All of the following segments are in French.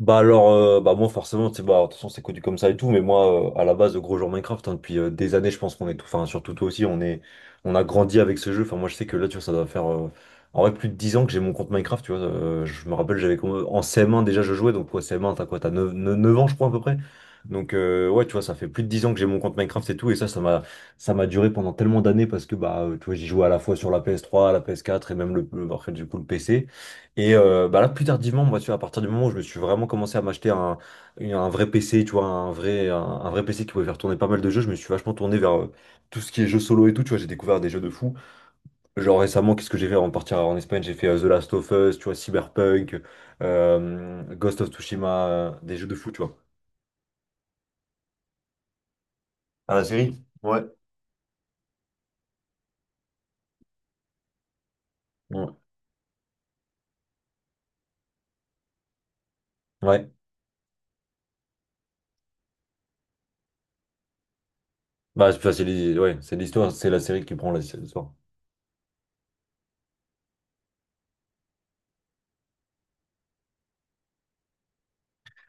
Bah alors, bah moi forcément, tu sais, bah, de toute façon c'est connu comme ça et tout, mais moi à la base, gros joueur Minecraft, hein, depuis des années, je pense qu'on est tout, enfin surtout toi aussi, on a grandi avec ce jeu. Enfin moi je sais que là, tu vois, ça doit faire en vrai plus de 10 ans que j'ai mon compte Minecraft, tu vois. Je me rappelle, j'avais en CM1 déjà je jouais, donc quoi CM1, t'as quoi, t'as neuf ans je crois à peu près. Donc ouais, tu vois, ça fait plus de 10 ans que j'ai mon compte Minecraft et tout, et ça, ça m'a duré pendant tellement d'années parce que bah tu vois, j'y jouais à la fois sur la PS3, la PS4 et même après, du coup le PC. Et bah là, plus tardivement, moi, tu vois, à partir du moment où je me suis vraiment commencé à m'acheter un vrai PC, tu vois, un vrai PC qui pouvait faire tourner pas mal de jeux, je me suis vachement tourné vers tout ce qui est jeux solo et tout, tu vois, j'ai découvert des jeux de fou. Genre récemment, qu'est-ce que j'ai fait avant de partir en Espagne? J'ai fait The Last of Us, tu vois, Cyberpunk, Ghost of Tsushima, des jeux de fou, tu vois. Ah, la série? Ouais. Ouais. Ouais. Bah, c'est enfin, ouais, c'est l'histoire, c'est la série qui prend l'histoire.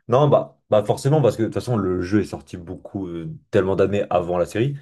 Non, bah forcément, parce que de toute façon, le jeu est sorti tellement d'années avant la série.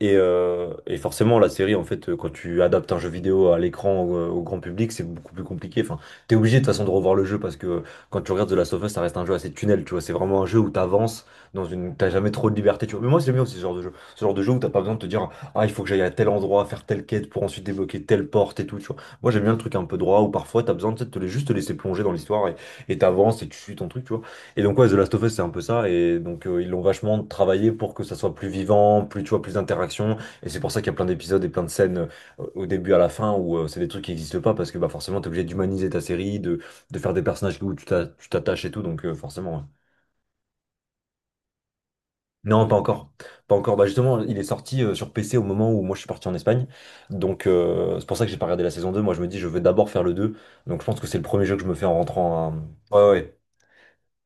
Et forcément, la série, en fait, quand tu adaptes un jeu vidéo à l'écran, au grand public, c'est beaucoup plus compliqué. Enfin, t'es obligé de toute façon de revoir le jeu parce que quand tu regardes The Last of Us, ça reste un jeu assez tunnel, tu vois. C'est vraiment un jeu où t'avances t'as jamais trop de liberté, tu vois. Mais moi, c'est bien aussi ce genre de jeu. Ce genre de jeu où t'as pas besoin de te dire, ah, il faut que j'aille à tel endroit, faire telle quête pour ensuite débloquer telle porte et tout, tu vois. Moi, j'aime bien le truc un peu droit où parfois t'as besoin tu sais, de juste te laisser plonger dans l'histoire et t'avances et tu suis ton truc, tu vois. Et donc ouais, The Last of Us, c'est un peu ça, et donc ils l'ont vachement travaillé pour que ça soit plus vivant, plus, tu vois, plus d'interactions, et c'est pour ça qu'il y a plein d'épisodes et plein de scènes au début à la fin où c'est des trucs qui n'existent pas, parce que bah, forcément, t'es obligé d'humaniser ta série, de faire des personnages où tu t'attaches et tout, donc forcément. Ouais. Non, pas encore. Pas encore. Bah justement, il est sorti sur PC au moment où moi je suis parti en Espagne. Donc c'est pour ça que j'ai pas regardé la saison 2. Moi je me dis je veux d'abord faire le 2. Donc je pense que c'est le premier jeu que je me fais en rentrant. Ouais, ouais. Ouais.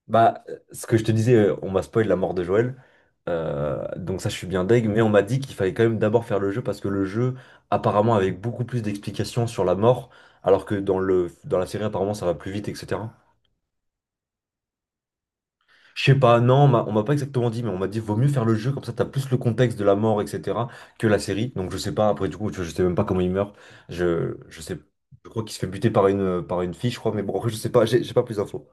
Bah, ce que je te disais, on m'a spoil la mort de Joël. Donc ça, je suis bien deg. Mais on m'a dit qu'il fallait quand même d'abord faire le jeu parce que le jeu, apparemment, avait beaucoup plus d'explications sur la mort, alors que dans le, dans la série, apparemment, ça va plus vite, etc. Je sais pas, non, on m'a pas exactement dit, mais on m'a dit vaut mieux faire le jeu, comme ça t'as plus le contexte de la mort, etc., que la série. Donc je sais pas, après du coup, tu vois, je sais même pas comment il meurt. Je sais, je crois qu'il se fait buter par une fille, je crois, mais bon, après, je sais pas, j'ai pas plus d'infos.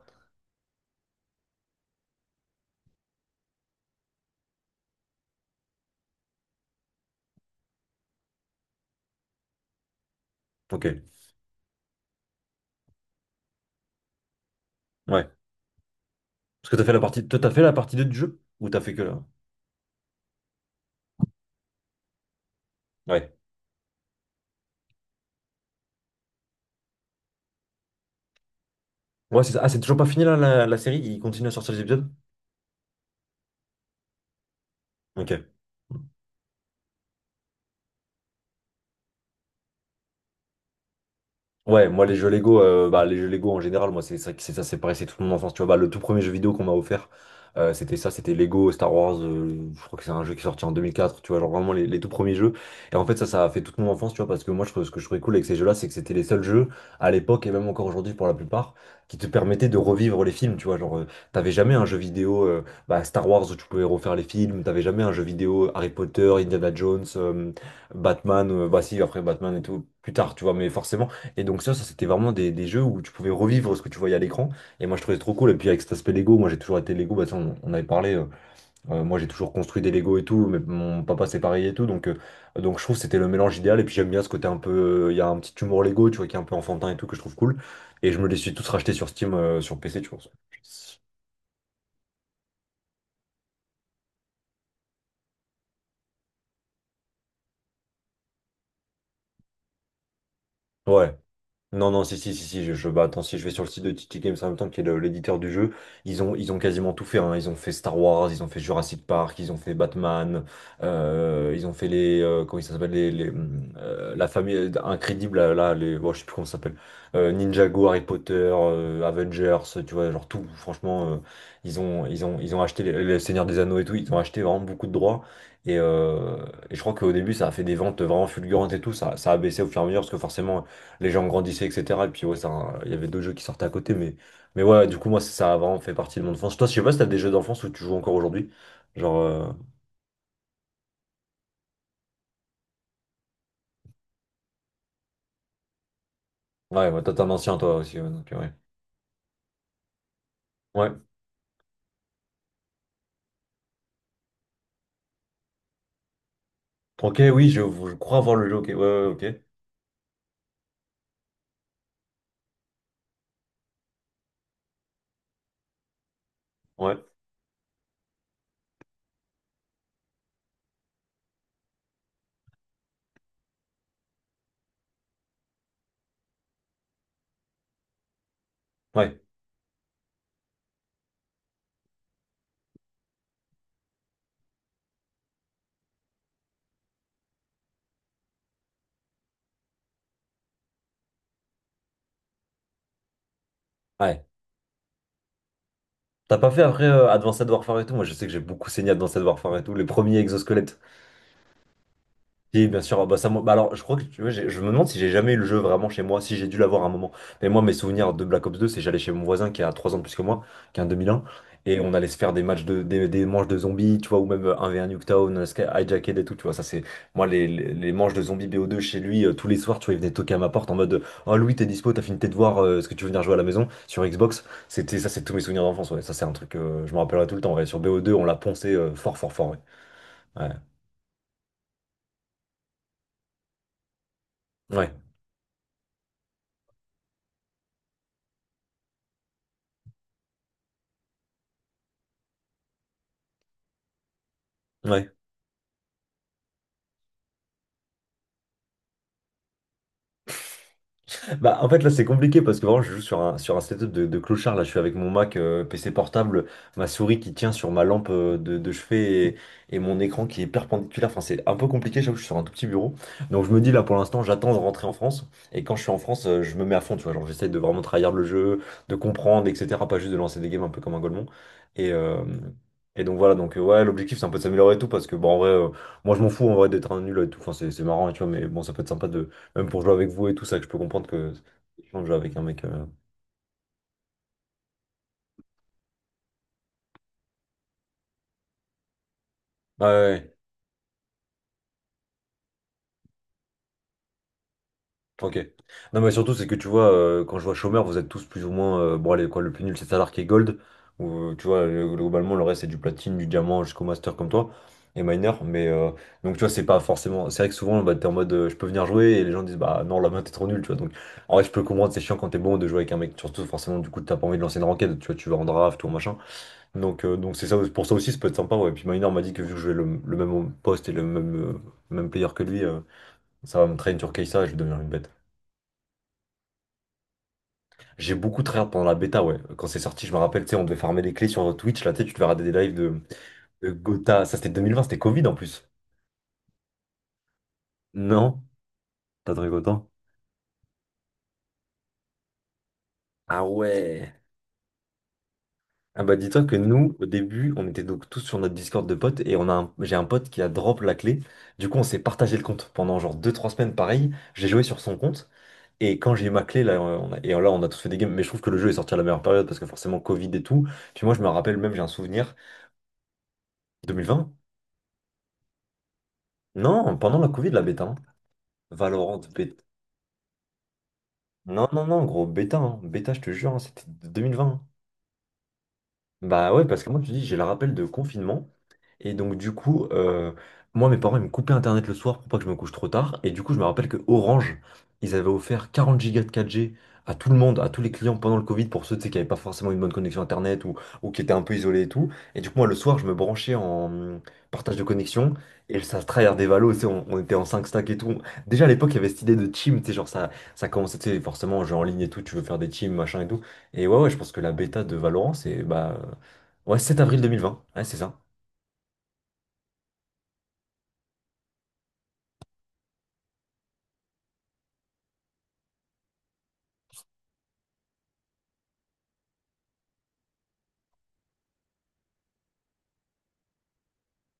Ok, ouais. Parce que t'as fait la partie, toi, t'as fait la partie 2 du jeu? Ou t'as fait que là? Ouais. Ouais, c'est ça. Ah, c'est toujours pas fini là, la série? Il continue à sortir les épisodes? Ok. Ouais, moi les jeux Lego, bah, les jeux Lego en général, moi c'est ça, c'est ça, c'est pareil, c'est toute mon enfance. Tu vois, bah, le tout premier jeu vidéo qu'on m'a offert, c'était Lego Star Wars. Je crois que c'est un jeu qui est sorti en 2004. Tu vois, genre vraiment les tout premiers jeux. Et en fait, ça a fait toute mon enfance. Tu vois, parce que moi, ce que je trouvais cool avec ces jeux-là, c'est que c'était les seuls jeux à l'époque et même encore aujourd'hui pour la plupart qui te permettaient de revivre les films. Tu vois, genre t'avais jamais un jeu vidéo Star Wars où tu pouvais refaire les films. T'avais jamais un jeu vidéo Harry Potter, Indiana Jones, Batman. Bah si, après Batman et tout plus tard. Tu vois, mais forcément. Et donc ça c'était vraiment des jeux où tu pouvais revivre ce que tu voyais à l'écran. Et moi je trouvais ça trop cool. Et puis avec cet aspect Lego, moi j'ai toujours été Lego, bah, ça, on avait parlé. Moi j'ai toujours construit des Lego et tout, mais mon papa c'est pareil et tout. Donc, je trouve que c'était le mélange idéal. Et puis j'aime bien ce côté un peu. Il y a un petit humour Lego, tu vois, qui est un peu enfantin et tout, que je trouve cool. Et je me les suis tous rachetés sur Steam, sur PC, tu vois. Ouais. Non, non, si, si, si, si, bah, attends, si je vais sur le site de TT Games en même temps, qui est l'éditeur du jeu, ils ont quasiment tout fait, hein. Ils ont fait Star Wars, ils ont fait Jurassic Park, ils ont fait Batman, ils ont fait les, comment ça s'appelle, la famille incrédible, là, là, bon, je sais plus comment ça s'appelle, Ninjago, Harry Potter, Avengers, tu vois, genre tout, franchement, ils ont acheté les Seigneurs des Anneaux et tout, ils ont acheté vraiment beaucoup de droits. Et, euh, et je crois qu'au début, ça a fait des ventes vraiment fulgurantes et tout. Ça a baissé au fur et à mesure parce que forcément, les gens grandissaient, etc. Et puis ouais, ça, il y avait d'autres jeux qui sortaient à côté, mais ouais, du coup, moi, ça a vraiment fait partie de mon enfance. Toi, je sais pas si t'as des jeux d'enfance où tu joues encore aujourd'hui. Genre, ouais, bah, toi, t'es un ancien, toi aussi, ouais, donc, ouais. Ouais. Ok, oui, je crois avoir le jeu, ok, ouais, ouais, ok. Ouais, ouais, ouais. T'as pas fait après Advanced Warfare et tout? Moi, je sais que j'ai beaucoup saigné Advanced Warfare et tout, les premiers exosquelettes. Si, bien sûr. Bah, alors, je crois que tu vois, je me demande si j'ai jamais eu le jeu vraiment chez moi, si j'ai dû l'avoir à un moment. Mais moi, mes souvenirs de Black Ops 2, c'est j'allais chez mon voisin qui a 3 ans de plus que moi, qui a un 2001, et on allait se faire des matchs des manches de zombies, tu vois, ou même 1v1 Nuketown, Hijacked et tout, tu vois. Ça, c'est moi, les manches de zombies bo deux chez lui, tous les soirs, tu vois, il venait toquer à ma porte en mode, Oh Louis, t'es dispo, t'as fini tes devoirs, est-ce que tu veux venir jouer à la maison sur Xbox? C'était ça, c'est tous mes souvenirs d'enfance, ouais. Ça, c'est un truc, je me rappellerai tout le temps, ouais. Sur bo deux, on l'a poncé fort, fort, fort, ouais. Ouais. Ouais. Ouais. Bah, en fait, là, c'est compliqué parce que vraiment, je joue sur sur un setup de clochard. Là, je suis avec mon Mac, PC portable, ma souris qui tient sur ma lampe de chevet et mon écran qui est perpendiculaire. Enfin, c'est un peu compliqué. J'avoue, je suis sur un tout petit bureau. Donc, je me dis, là, pour l'instant, j'attends de rentrer en France. Et quand je suis en France, je me mets à fond, tu vois. Genre, j'essaie de vraiment trahir le jeu, de comprendre, etc. Pas juste de lancer des games un peu comme un golemon. Et, euh, et donc, voilà. Donc, ouais, l'objectif, c'est un peu de s'améliorer et tout parce que, bon, en vrai, moi, je m'en fous en vrai d'être un nul et tout. Enfin, c'est marrant, tu vois, mais bon, ça peut être sympa de même pour jouer avec vous et tout ça, que je peux comprendre que c'est chiant de jouer avec un mec. Ouais, ouais, ouais. Enfin, ok. Non, mais surtout, c'est que tu vois, quand je vois chômeur, vous êtes tous plus ou moins, bon, allez, quoi, le plus nul, c'est Salar qui est gold. Ou, tu vois, globalement, le reste, c'est du platine, du diamant jusqu'au master comme toi. Et miner. Mais donc, tu vois, c'est pas forcément. C'est vrai que souvent, bah, t'es en mode, je peux venir jouer. Et les gens disent, bah non, la main, t'es trop nul, tu vois. Donc, en vrai, je peux comprendre, c'est chiant quand t'es bon de jouer avec un mec. Surtout, forcément, du coup, t'as pas envie de lancer une ranked. Tu vois, tu vas en draft, tout machin. Donc c'est ça, pour ça aussi, ça peut être sympa. Ouais. Puis Minor m'a dit que vu que je vais le même poste et le même player que lui, ça va me traîner sur Kai'Sa et je vais devenir une bête. J'ai beaucoup tryhard pendant la bêta, ouais. Quand c'est sorti, je me rappelle, tu sais, on devait farmer les clés sur Twitch. Là, tu sais, tu devais regarder des lives de Gotha. Ça, c'était 2020, c'était Covid en plus. Non? T'as trouvé autant? Ah ouais. Ah bah dis-toi que nous, au début, on était donc tous sur notre Discord de potes et j'ai un pote qui a drop la clé. Du coup, on s'est partagé le compte pendant genre deux trois semaines pareil. J'ai joué sur son compte et quand j'ai eu ma clé, là, et là, on a tous fait des games. Mais je trouve que le jeu est sorti à la meilleure période parce que forcément, Covid et tout. Puis moi, je me rappelle même, j'ai un souvenir. 2020? Non, pendant la Covid, la bêta, hein. Valorant bêta. Non, non, non, gros, bêta, hein. Bêta, je te jure, hein, c'était 2020, hein. Bah ouais, parce que moi, tu dis, j'ai le rappel de confinement. Et donc, du coup, moi, mes parents, ils me coupaient Internet le soir pour pas que je me couche trop tard. Et du coup, je me rappelle que Orange, ils avaient offert 40 gigas de 4G à tout le monde, à tous les clients pendant le Covid, pour ceux, tu sais, qui n'avaient pas forcément une bonne connexion Internet ou qui étaient un peu isolés et tout. Et du coup, moi, le soir, je me branchais en partage de connexion. Et ça se tryhard des valos, tu sais, on était en 5 stacks et tout. Déjà, à l'époque, il y avait cette idée de team, tu sais, genre, ça commençait, tu sais, forcément, jeu en ligne et tout, tu veux faire des teams, machin et tout. Et ouais, ouais, je pense que la bêta de Valorant, c'est, bah, ouais, sept avril 2020. Ouais, c'est ça.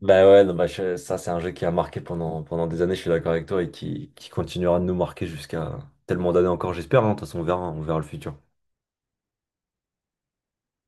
Bah ouais, non, bah, ça c'est un jeu qui a marqué pendant des années, je suis d'accord avec toi, et qui continuera de nous marquer jusqu'à tellement d'années encore, j'espère, hein, de toute façon on verra le futur.